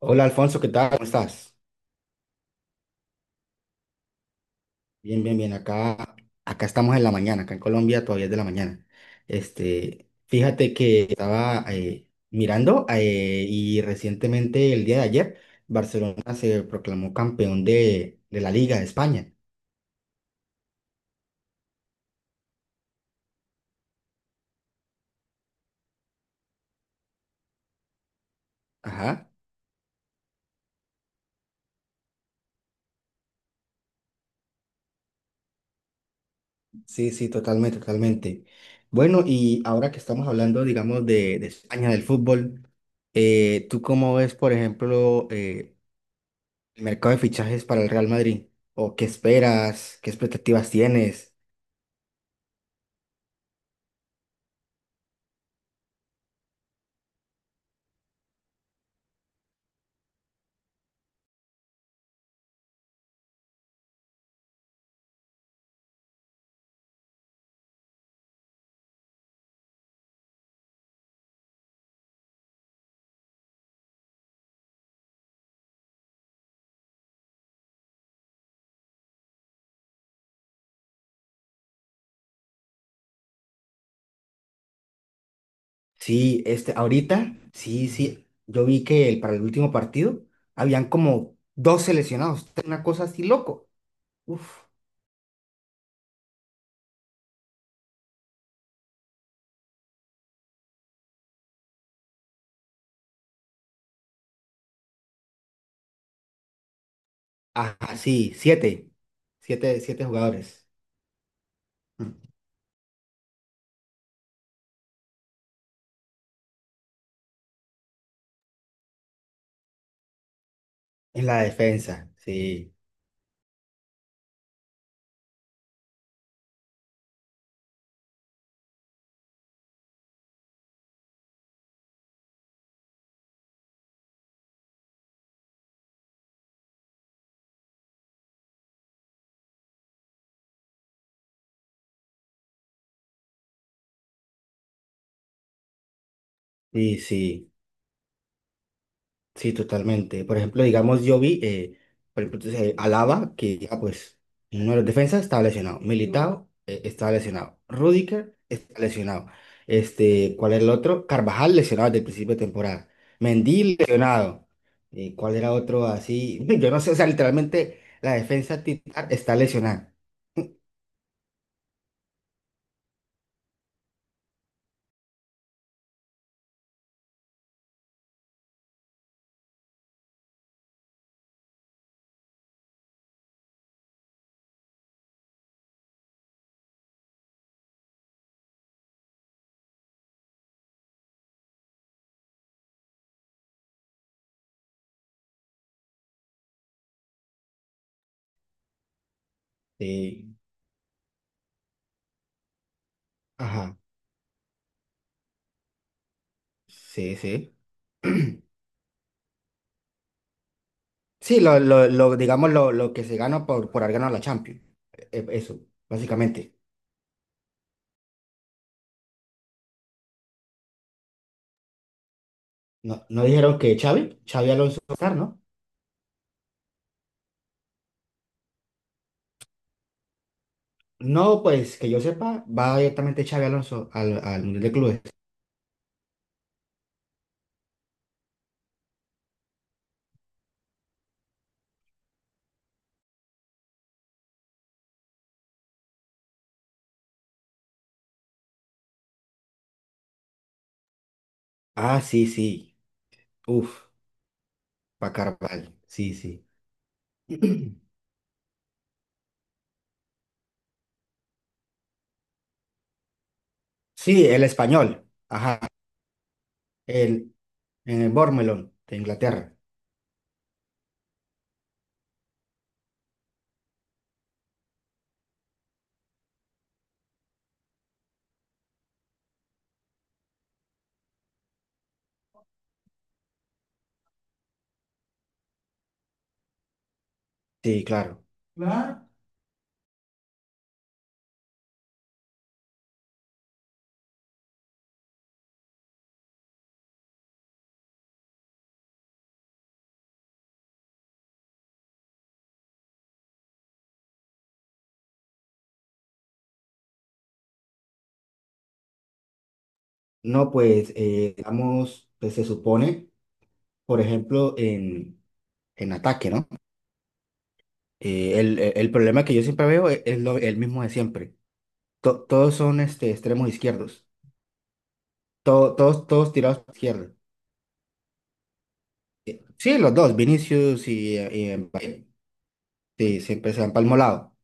Hola Alfonso, ¿qué tal? ¿Cómo estás? Bien, bien, bien. Acá estamos en la mañana, acá en Colombia todavía es de la mañana. Fíjate que estaba mirando y recientemente, el día de ayer, Barcelona se proclamó campeón de la Liga de España. Ajá, sí, sí, totalmente, totalmente. Bueno, y ahora que estamos hablando, digamos, de España, del fútbol, ¿tú cómo ves, por ejemplo, el mercado de fichajes para el Real Madrid? ¿O qué esperas? ¿Qué expectativas tienes? Sí, ahorita, sí, sí. Yo vi que para el último partido habían como dos seleccionados. Una cosa así loco. Uf. Ajá, sí, siete. Siete, siete jugadores. Mm. En la defensa. Sí, sí, sí. Sí, totalmente. Por ejemplo, digamos, yo vi, por ejemplo, entonces, Alaba, que ya pues uno de los defensas estaba lesionado. Militao estaba lesionado. Rudiger está lesionado. ¿Cuál era el otro? Carvajal lesionado desde el principio de temporada. Mendy lesionado. ¿Cuál era otro así? Yo no sé, o sea, literalmente la defensa titular está lesionada. Sí, ajá. Sí, sí. Sí, digamos lo que se gana por haber ganado la Champions. Eso, básicamente. No, no dijeron que Xavi Alonso va a estar, ¿no? No, pues que yo sepa, va directamente Xavi Alonso al Mundial de Clubes. Ah, sí, sí. Uf, pa' Carvajal. Sí, sí. Sí, el español. Ajá. El, en el Bournemouth, de Inglaterra. Sí, claro. Claro. No, pues, digamos, pues se supone, por ejemplo, en ataque, ¿no? El problema que yo siempre veo es, lo, el mismo de siempre. Todos son extremos izquierdos. Todos tirados para izquierda. Sí, los dos, Vinicius y Mbappé. Sí, siempre se han palmolado.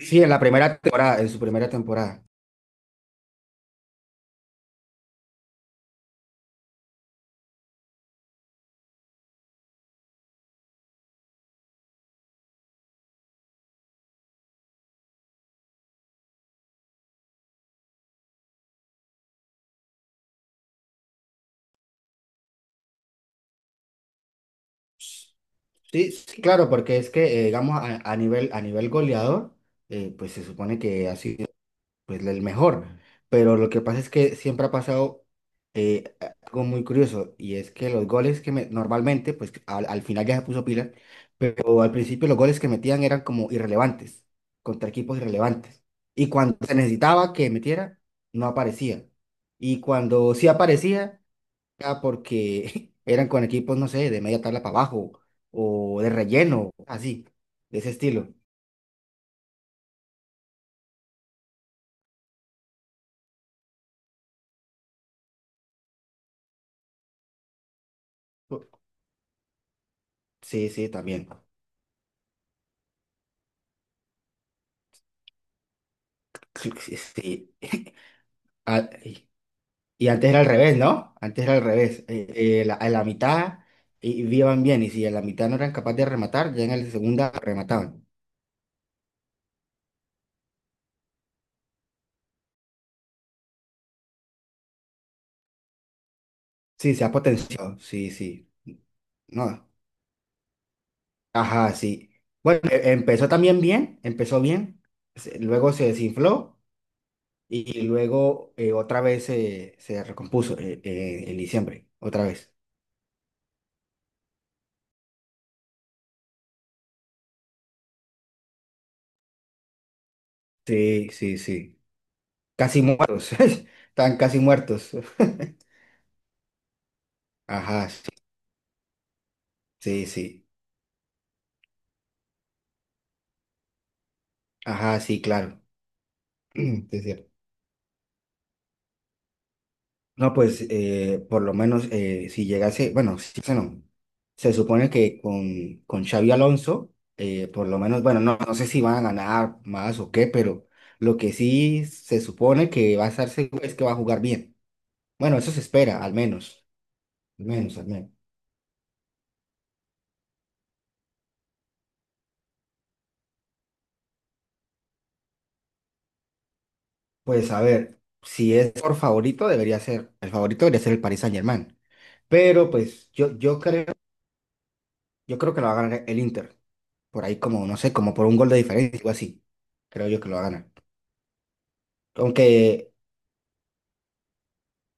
Sí, en la primera temporada, en su primera temporada. Sí, sí, claro, porque es que, digamos, a nivel, a nivel goleador, pues se supone que ha sido pues, el mejor. Pero lo que pasa es que siempre ha pasado eh, algo muy curioso, y es que los goles normalmente, pues al final ya se puso pila. Pero al principio los goles que metían eran como irrelevantes, contra equipos irrelevantes. Y cuando se necesitaba que metiera, no aparecía. Y cuando sí aparecía, era porque eran con equipos, no sé, de media tabla para abajo o de relleno, así, de ese estilo. Sí, sí, también. Sí, sí, sí. Ah, y antes era al revés, ¿no? Antes era al revés. A la mitad y iban bien, y si a la mitad no eran capaces de rematar, ya en la segunda remataban. Sí, se ha potenciado, sí, sí. No, ajá, sí. Bueno, empezó también bien, empezó bien, luego se desinfló y luego otra vez se recompuso, en diciembre, otra vez. Sí, sí, sí. Casi muertos, están casi muertos. Ajá, sí, sí, sí. Ajá, sí, claro. Sí, sí. No, pues por lo menos, si llegase, bueno, si llegase no, se supone que con Xavi Alonso, por lo menos, bueno, no, no sé si van a ganar más o qué, pero lo que sí se supone que va a estar seguro es que va a jugar bien. Bueno, eso se espera, al menos, al menos, al menos. Pues a ver, si es por favorito, debería ser, el favorito debería ser el Paris Saint-Germain, pero pues yo creo, yo creo, que lo va a ganar el Inter, por ahí como, no sé, como por un gol de diferencia, algo así, creo yo que lo va a ganar. Aunque,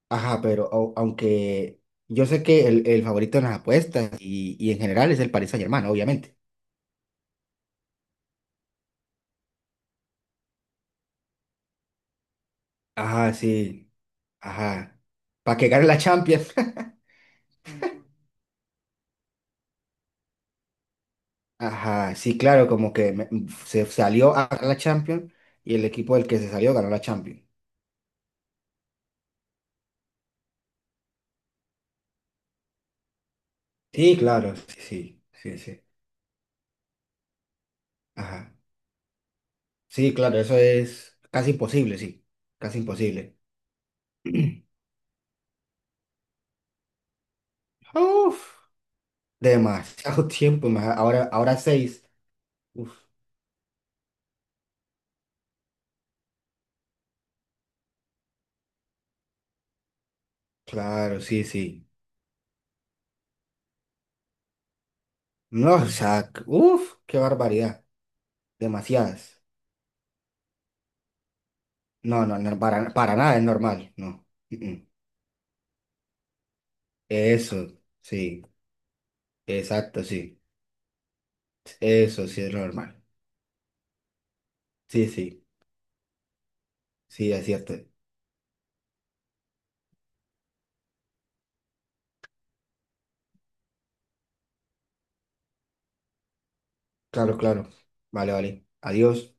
ajá, pero aunque yo sé que el favorito en las apuestas y en general es el Paris Saint-Germain, obviamente. Ajá, sí, ajá. Para que gane la Champions. Ajá, sí, claro, como se salió a ganar la Champions y el equipo del que se salió ganó la Champions. Sí, claro, sí, sí, sí, sí. Ajá. Sí, claro, eso es casi imposible, sí. Casi imposible. Uf, demasiado tiempo. Ahora seis. Uf. Claro, sí, sí. No, o sea, uff, qué barbaridad. Demasiadas. No, no, no, para nada es normal, no. Mm, mm. Eso, sí, exacto, sí. Eso sí es normal. Sí, sí, sí, es cierto. Claro, claro. Vale, vale. Adiós.